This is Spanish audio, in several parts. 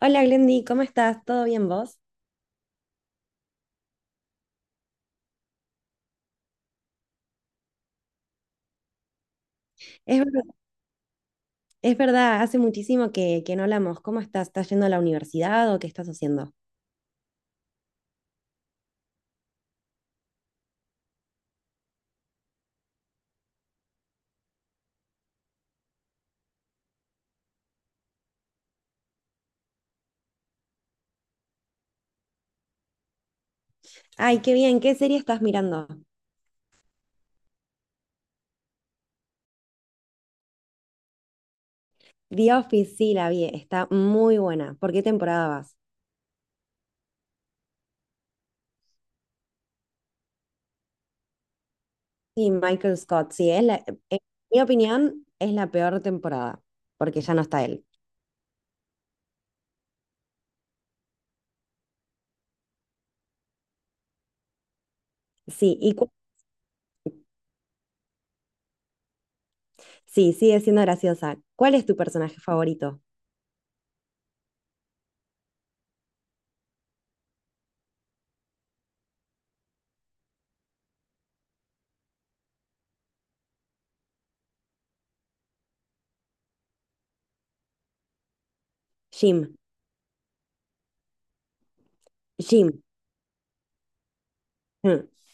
Hola Glendy, ¿cómo estás? ¿Todo bien vos? Es verdad, es verdad, hace muchísimo que no hablamos. ¿Cómo estás? ¿Estás yendo a la universidad o qué estás haciendo? Ay, qué bien, ¿qué serie estás mirando? The Office, sí, la vi, está muy buena. ¿Por qué temporada vas? Sí, Michael Scott, sí, en mi opinión es la peor temporada, porque ya no está él. Sí, y cu- sí, sigue siendo graciosa. ¿Cuál es tu personaje favorito? Jim. Jim.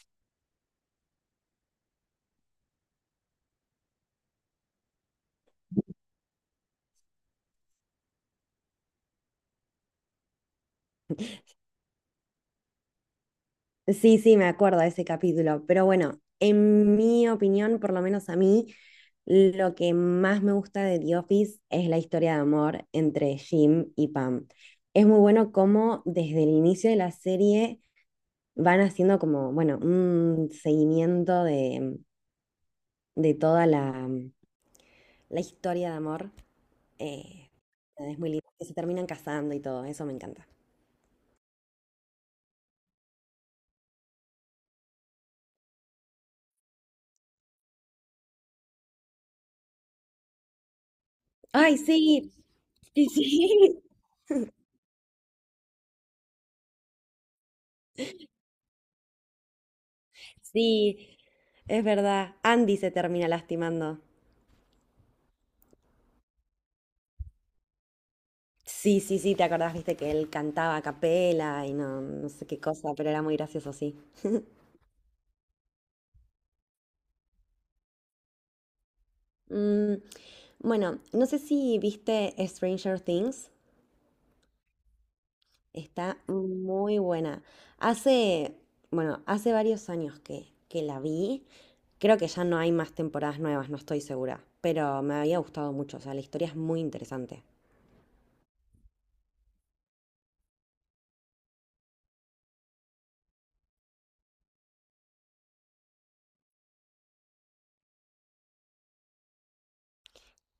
Sí, sí, me acuerdo de ese capítulo, pero bueno, en mi opinión, por lo menos a mí, lo que más me gusta de The Office es la historia de amor entre Jim y Pam. Es muy bueno cómo desde el inicio de la serie van haciendo como, bueno, un seguimiento de toda la historia de amor. Eh, es muy lindo, que se terminan casando y todo, eso me encanta. Ay, sí, sí, sí. Sí, es verdad. Andy se termina lastimando. Sí, sí, sí, te acordás, viste que él cantaba a capela y no, no sé qué cosa, pero era muy gracioso, sí. Mm, bueno, no sé si viste Stranger Things. Está muy buena. Hace, bueno, hace varios años que la vi. Creo que ya no hay más temporadas nuevas, no estoy segura. Pero me había gustado mucho. O sea, la historia es muy interesante.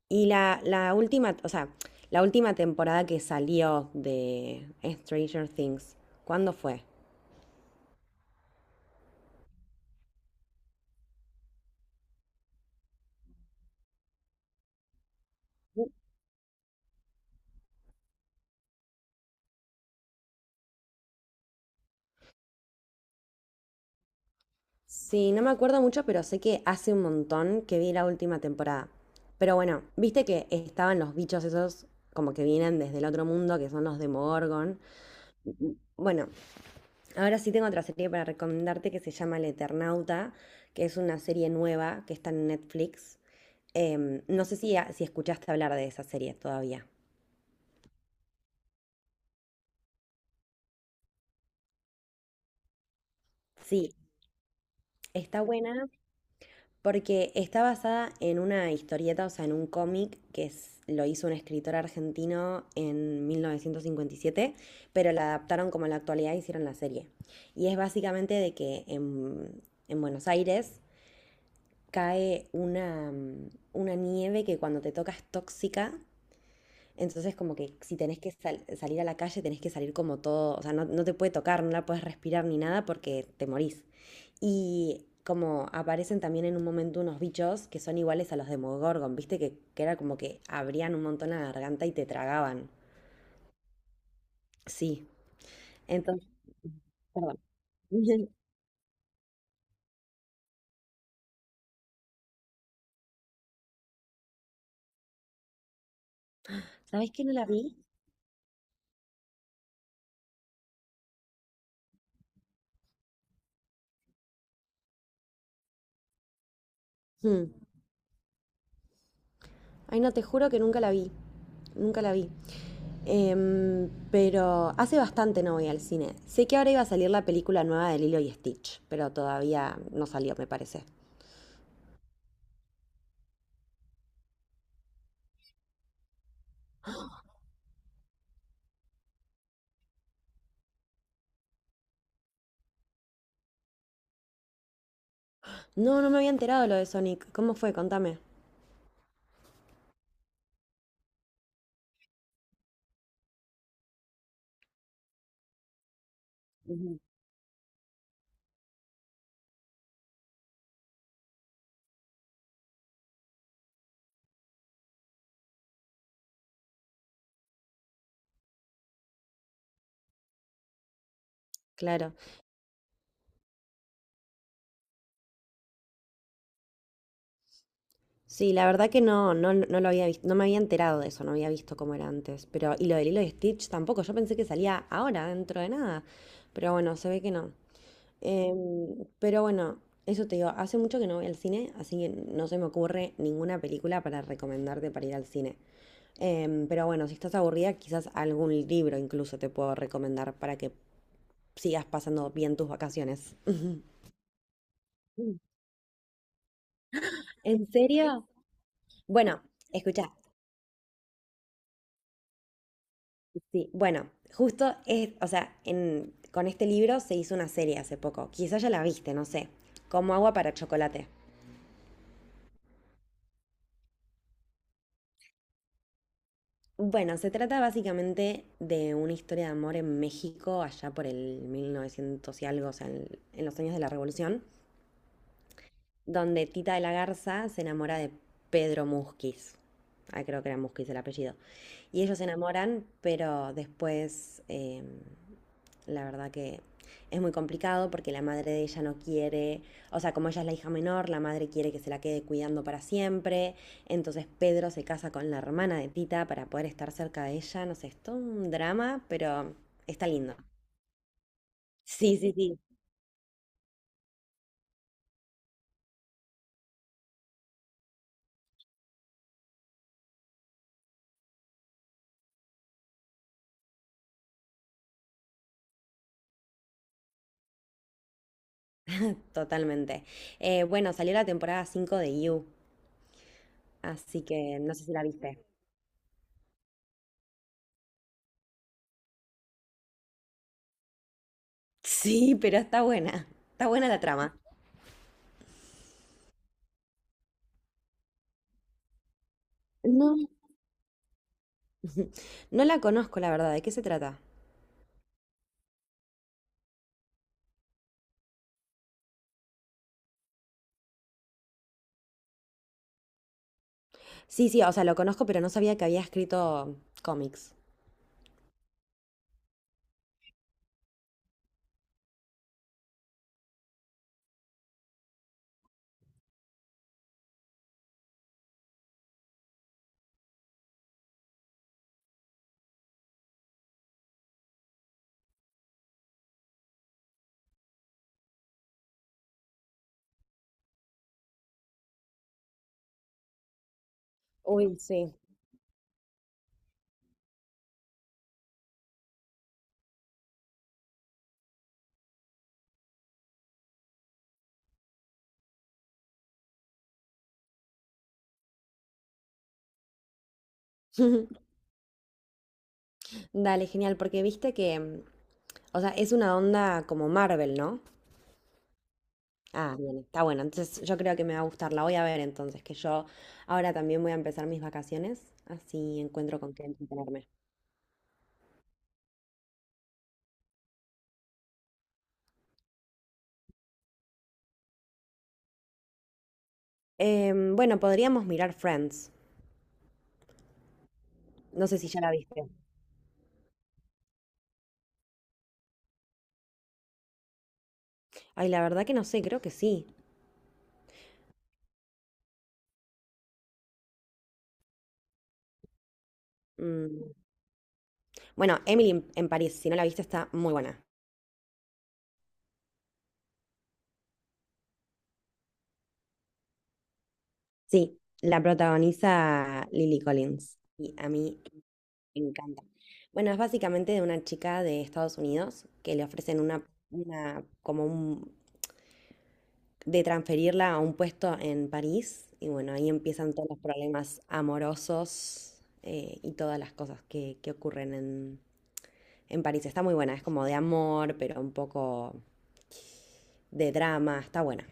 Y la última, o sea, la última temporada que salió de Stranger Things, ¿cuándo fue? Sí, no me acuerdo mucho, pero sé que hace un montón que vi la última temporada. Pero bueno, viste que estaban los bichos esos como que vienen desde el otro mundo, que son los Demogorgon. Bueno, ahora sí tengo otra serie para recomendarte que se llama El Eternauta, que es una serie nueva que está en Netflix. No sé si escuchaste hablar de esa serie todavía. Sí, está buena. Porque está basada en una historieta, o sea, en un cómic lo hizo un escritor argentino en 1957, pero la adaptaron como a la actualidad e hicieron la serie. Y es básicamente de que en Buenos Aires cae una, una nieve que cuando te toca es tóxica, entonces, como que si tenés que salir a la calle, tenés que salir como todo, o sea, no, no te puede tocar, no la puedes respirar ni nada porque te morís. Y como aparecen también en un momento unos bichos que son iguales a los de Mogorgon, viste que era como que abrían un montón la garganta y te tragaban. Sí. Entonces, perdón. ¿Sabés que no la vi? Hmm. Ay, no, te juro que nunca la vi. Nunca la vi. Pero hace bastante no voy al cine. Sé que ahora iba a salir la película nueva de Lilo y Stitch, pero todavía no salió, me parece. No, no me había enterado lo de Sonic. ¿Cómo fue? Contame. Claro. Sí, la verdad que no, no, no lo había visto, no me había enterado de eso, no había visto cómo era antes. Pero, y lo de Lilo y Stitch tampoco, yo pensé que salía ahora, dentro de nada. Pero bueno, se ve que no. Pero bueno, eso te digo, hace mucho que no voy al cine, así que no se me ocurre ninguna película para recomendarte para ir al cine. Pero bueno, si estás aburrida, quizás algún libro incluso te puedo recomendar para que sigas pasando bien tus vacaciones. ¿En serio? Bueno, escucha, sí, bueno, justo es, o sea, con este libro se hizo una serie hace poco, quizás ya la viste, no sé, Como agua para chocolate. Bueno, se trata básicamente de una historia de amor en México, allá por el 1900 y algo, o sea, en los años de la Revolución, donde Tita de la Garza se enamora de Pedro Musquiz. Ah, creo que era Musquiz el apellido. Y ellos se enamoran, pero después la verdad que es muy complicado porque la madre de ella no quiere, o sea, como ella es la hija menor, la madre quiere que se la quede cuidando para siempre. Entonces Pedro se casa con la hermana de Tita para poder estar cerca de ella. No sé, es todo un drama, pero está lindo. Sí, sí, sí. Totalmente. Bueno, salió la temporada 5 de You, así que no sé si la viste. Sí, pero está buena. Está buena la trama. No, no la conozco, la verdad. ¿De qué se trata? Sí, sí, o sea, lo conozco, pero no sabía que había escrito cómics. Uy, sí. Dale, genial, porque viste que, o sea, es una onda como Marvel, ¿no? Ah, bien, está bueno. Entonces yo creo que me va a gustar. La voy a ver entonces, que yo ahora también voy a empezar mis vacaciones, así encuentro con qué entretenerme. Bueno, podríamos mirar Friends. No sé si ya la viste. Ay, la verdad que no sé, creo que sí. Mm, Bueno, Emily en París, si no la viste, está muy buena. Sí, la protagoniza Lily Collins y a mí me encanta. Bueno, es básicamente de una chica de Estados Unidos que le ofrecen de transferirla a un puesto en París y bueno, ahí empiezan todos los problemas amorosos y todas las cosas que ocurren en París. Está muy buena, es como de amor, pero un poco de drama, está buena.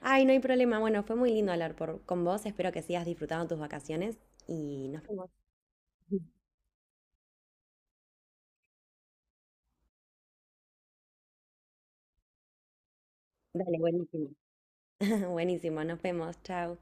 Ay, no hay problema. Bueno, fue muy lindo hablar por, con vos. Espero que sigas disfrutando tus vacaciones y nos vemos. Dale, buenísimo. Buenísimo, nos vemos, chao.